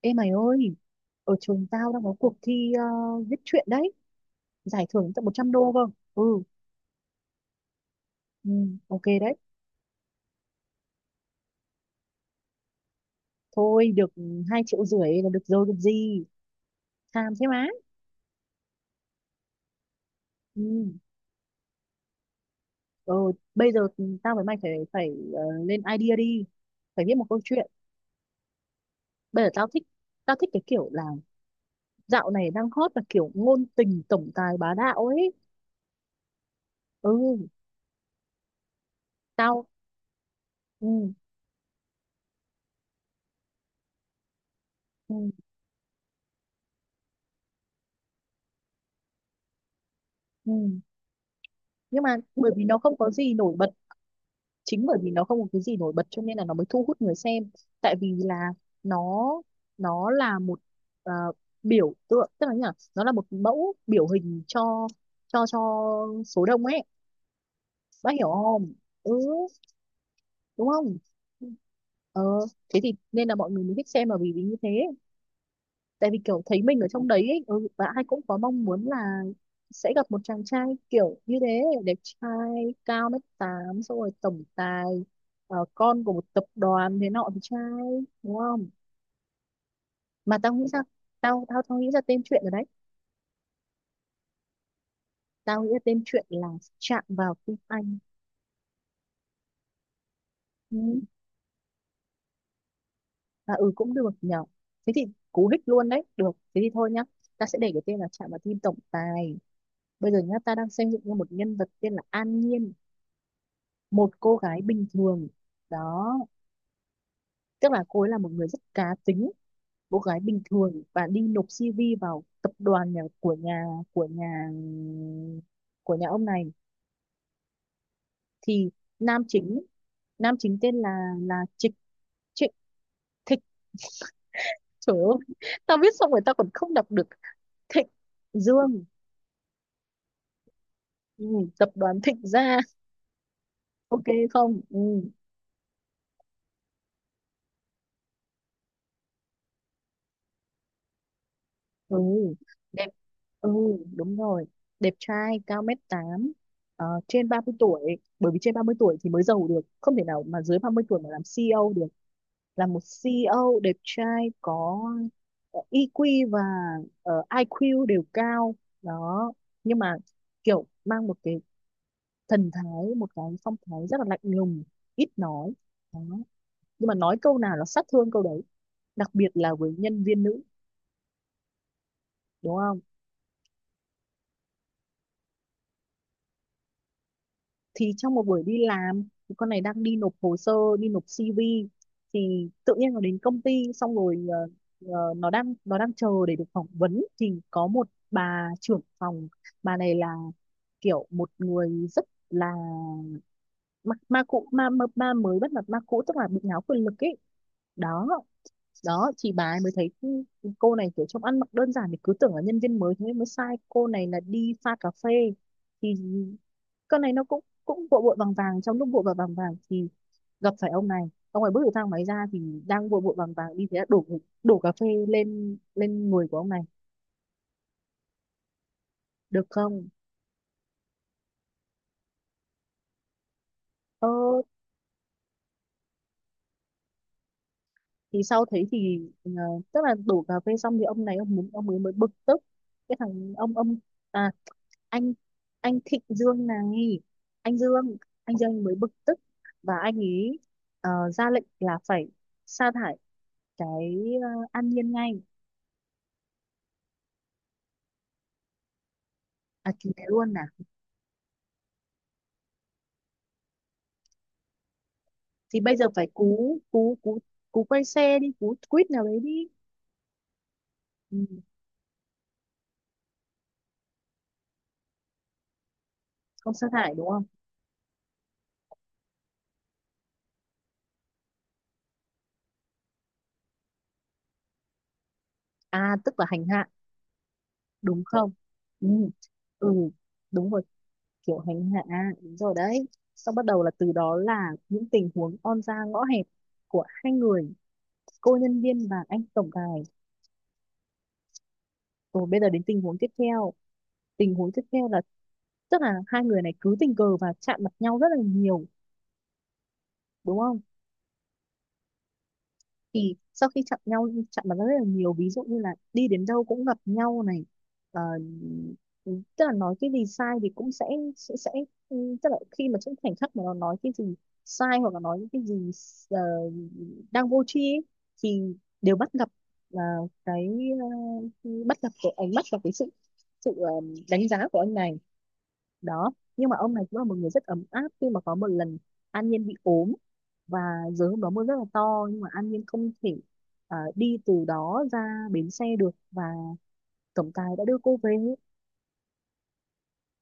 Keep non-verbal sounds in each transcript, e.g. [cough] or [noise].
Ê mày ơi, ở trường tao đang có cuộc thi viết truyện đấy, giải thưởng tận 100 đô cơ. Ừ, ừ, ok đấy. Thôi được, 2,5 triệu là được rồi được gì. Tham thế má. Ừ. Rồi, bây giờ tao với mày phải phải lên idea đi. Phải viết một câu chuyện. Bây giờ tao thích cái kiểu là dạo này đang hot là kiểu ngôn tình tổng tài bá đạo ấy. Ừ, tao ừ, ừ, ừ. Nhưng mà bởi vì nó không có gì nổi bật, chính bởi vì nó không có cái gì nổi bật cho nên là nó mới thu hút người xem. Tại vì là nó nó là một ờ, biểu tượng, tức là như là nó là một mẫu biểu hình cho cho cho số đông ấy, bác hiểu không? Ừ, đúng không? Ừ. ờ Thế thì nên là mọi người mới thích xem là vì vì như thế. Tại vì kiểu thấy mình ở trong đấy ấy, ừ, và ai cũng có mong muốn là sẽ gặp một chàng trai kiểu như thế, đẹp trai, cao mét tám, xong rồi tổng tài, con của một tập đoàn thế nọ thì trai, đúng không? Mà tao nghĩ ra tên chuyện rồi đấy. Tao nghĩ ra tên chuyện là Chạm Vào Tim Anh. Ừ. Và ừ cũng được nhở? Thế thì cú hích luôn đấy, được, thế thì thôi nhá. Ta sẽ để cái tên là Chạm Vào Tim Tổng Tài. Bây giờ nhá, ta đang xây dựng ra một nhân vật tên là An Nhiên, một cô gái bình thường, đó, tức là cô ấy là một người rất cá tính. Cô gái bình thường và đi nộp CV vào tập đoàn nhà của nhà của nhà ông này. Thì nam chính nam chính tên là Trịch Trịch Thịch. Trời ơi, [laughs] tao viết xong rồi tao còn không đọc được. Thịnh Dương. Ừ, tập đoàn Thịnh Gia. Ok. Không. Ừ. Ừ, đẹp. Ừ, đúng rồi, đẹp trai cao mét tám, trên 30 tuổi. Bởi vì trên 30 tuổi thì mới giàu được, không thể nào mà dưới 30 tuổi mà làm CEO được. Là một CEO đẹp trai có EQ và IQ đều cao, đó. Nhưng mà kiểu mang một cái phong thái rất là lạnh lùng, ít nói, đó. Nhưng mà nói câu nào là sát thương câu đấy, đặc biệt là với nhân viên nữ, đúng không? Thì trong một buổi đi làm, thì con này đang đi nộp hồ sơ, đi nộp CV, thì tự nhiên nó đến công ty xong rồi nó đang chờ để được phỏng vấn, thì có một bà trưởng phòng. Bà này là kiểu một người rất là ma mới bắt mặt ma cũ, tức là bị ngáo quyền lực ấy, đó. Đó thì bà ấy mới thấy cô này kiểu trông ăn mặc đơn giản thì cứ tưởng là nhân viên mới, thế nên mới sai cô này là đi pha cà phê. Thì con này nó cũng cũng vội vội vàng vàng, trong lúc vội vội vàng vàng thì gặp phải ông này. Ông ấy bước từ thang máy ra thì đang vội vội vàng vàng đi, thế là đổ đổ cà phê lên lên người của ông này, được không? ờ thì sau thế thì, tức là đổ cà phê xong thì ông này ông muốn ông ấy mới bực tức. Cái thằng ông ông à anh anh Thịnh Dương này, anh Dương anh Dương mới bực tức, và anh ấy ra lệnh là phải sa thải cái, An Nhiên ngay. À thì thế luôn à? Thì bây giờ phải cú cú cú cú quay xe đi, cú quýt nào đấy đi. Ừ, không sa thải, đúng không? À tức là hành hạ, đúng không? Ừ, ừ, đúng rồi, kiểu hành hạ à, đúng rồi đấy. Xong bắt đầu là từ đó là những tình huống on ra ngõ hẹp của hai người, cô nhân viên và anh tổng tài. Rồi bây giờ đến tình huống tiếp theo. Tình huống tiếp theo là, tức là hai người này cứ tình cờ và chạm mặt nhau rất là nhiều, đúng không? Thì sau khi chạm mặt rất là nhiều, ví dụ như là đi đến đâu cũng gặp nhau này. Ờ, Tức là nói cái gì sai thì cũng sẽ ừ, tức là khi mà trong khoảnh khắc mà nó nói cái gì sai hoặc là nói những cái gì ờ, đang vô tri ấy, thì đều bắt gặp, ờ, cái cái ánh mắt và cái sự sự ờ, đánh giá của anh này, đó. Nhưng mà ông này cũng là một người rất ấm áp, khi mà có một lần An Nhiên bị ốm và giờ hôm đó mưa rất là to, nhưng mà An Nhiên không thể đi từ đó ra bến xe được, và tổng tài đã đưa cô về,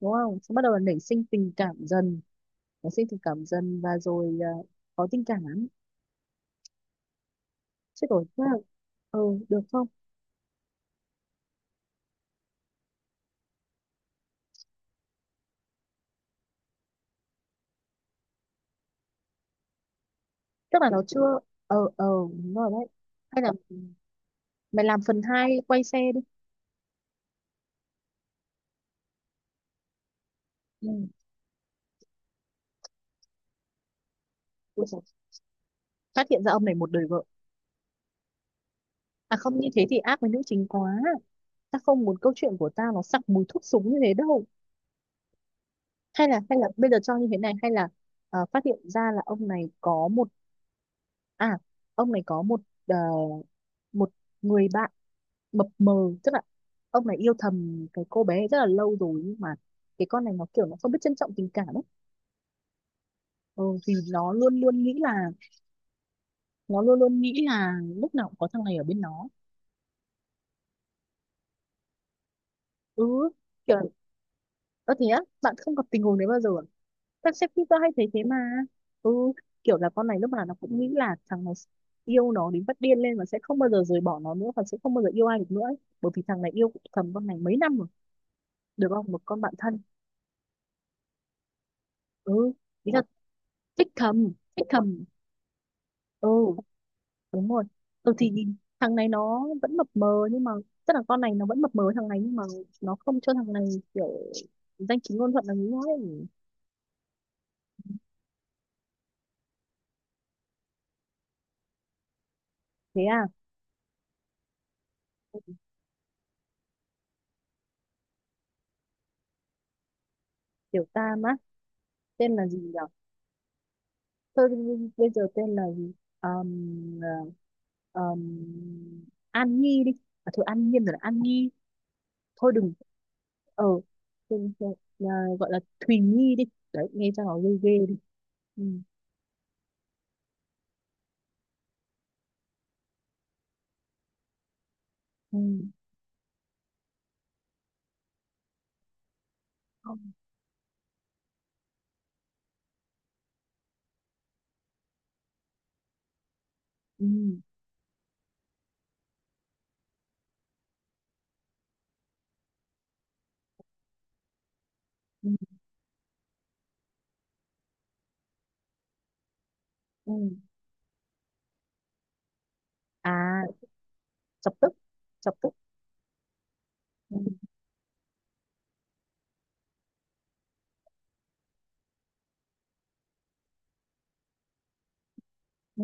đúng không? Xong bắt đầu là nảy sinh tình cảm dần nảy sinh tình cảm dần và rồi có tình cảm lắm chứ. Rồi tức là, ờ được không? Tức là nó chưa, ờ ờ đúng rồi đấy, hay là mày làm phần hai quay xe đi. Ừ. Ôi dồi, phát hiện ra ông này một đời vợ, à không, như thế thì ác với nữ chính quá. Ta không muốn câu chuyện của tao nó sặc mùi thuốc súng như thế đâu. Hay là, bây giờ cho như thế này, hay là phát hiện ra là à ông này có một, ờ, một người bạn mập mờ. Tức là ông này yêu thầm cái cô bé rất là lâu rồi, nhưng mà cái con này nó kiểu nó không biết trân trọng tình cảm ấy. Ừ, thì nó luôn luôn nghĩ là nó luôn luôn nghĩ là lúc nào cũng có thằng này ở bên nó. Ừ, kiểu, ơ thế á, bạn không gặp tình huống đấy bao giờ à? Các sếp tao hay thấy thế mà. Ừ, kiểu là con này lúc nào nó cũng nghĩ là thằng này yêu nó đến phát điên lên và sẽ không bao giờ rời bỏ nó nữa và sẽ không bao giờ yêu ai được nữa ấy. Bởi vì thằng này yêu thầm con này mấy năm rồi, được không? Một con bạn thân. Ừ, ý là thích thầm, thích thầm. Ừ, đúng rồi. Ừ thì thằng này nó vẫn mập mờ, nhưng mà tức là con này nó vẫn mập mờ với thằng này, nhưng mà nó không cho thằng này kiểu danh chính ngôn thuận là nghĩ nó ấy. Thế à, kiểu ta á, tên là gì nhỉ? Tôi bây giờ tên là gì? um, um, An Nhi đi. À, thôi An Nhiên rồi là An Nhi. Thôi đừng, ờ đừng- đừng- à, gọi là Thùy Nhi đi, đấy nghe cho nó ghê ghê đi. Ừ. Ừ. Ừ. Ừ. Ừ. À chọc tức, chọc tức. Ừ. Ừ.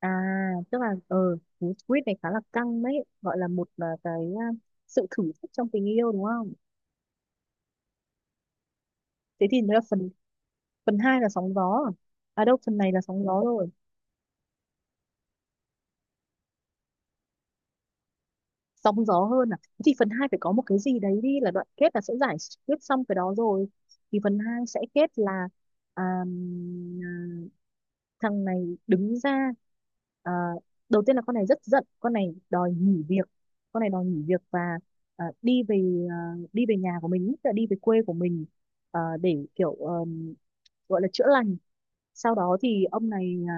À tức là, cú quýt này khá là căng đấy, gọi là một à, cái à, sự thử thách trong tình yêu, đúng không? Thế thì nó là phần phần 2 là sóng gió à? À đâu, phần này là sóng gió rồi. Sóng gió hơn à? Thế thì phần 2 phải có một cái gì đấy đi, là đoạn kết là sẽ giải quyết xong cái đó rồi. Thì phần 2 sẽ kết là, à, à, thằng này đứng ra. À, đầu tiên là con này rất giận, con này đòi nghỉ việc và à, đi về à, đi về nhà của mình, tức là đi về quê của mình, à, để kiểu gọi là chữa lành. Sau đó thì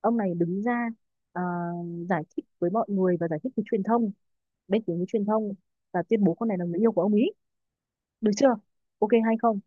ông này đứng ra, à, giải thích với mọi người và giải thích với truyền thông, bên phía với truyền thông, và tuyên bố con này là người yêu của ông ấy, được chưa, ok hay không?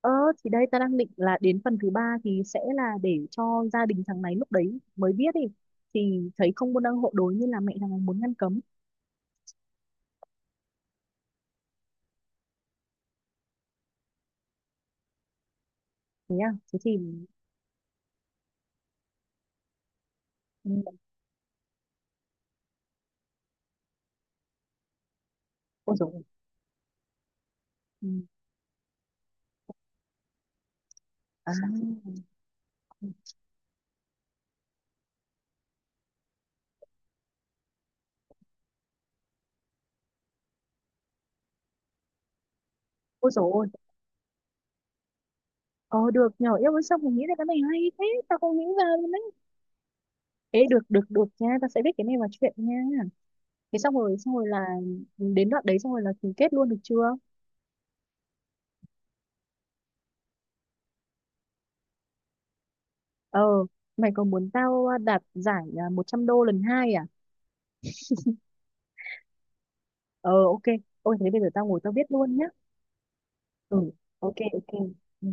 ờ thì đây ta đang định là đến phần thứ ba thì sẽ là để cho gia đình thằng này lúc đấy mới biết đi, thì thấy không muốn đăng hộ đối, như là mẹ thằng này muốn ngăn cấm. Thế à, thế thì, ừ, ôi dồi ôi. Ừ. À, ôi dồi ôi, ờ được nhỏ yêu với, xong mình nghĩ ra cái này hay thế tao không nghĩ ra luôn đấy. Ê được, được, được nha, tao sẽ viết cái này vào chuyện nha. Thế xong rồi là đến đoạn đấy, xong rồi là ký kết luôn, được chưa? Ờ, mày có muốn tao đạt giải 100 đô lần hai à? Ờ, ok. Ôi thế bây giờ tao ngồi tao viết luôn nhá. Ừ, ok, ok. Ừ.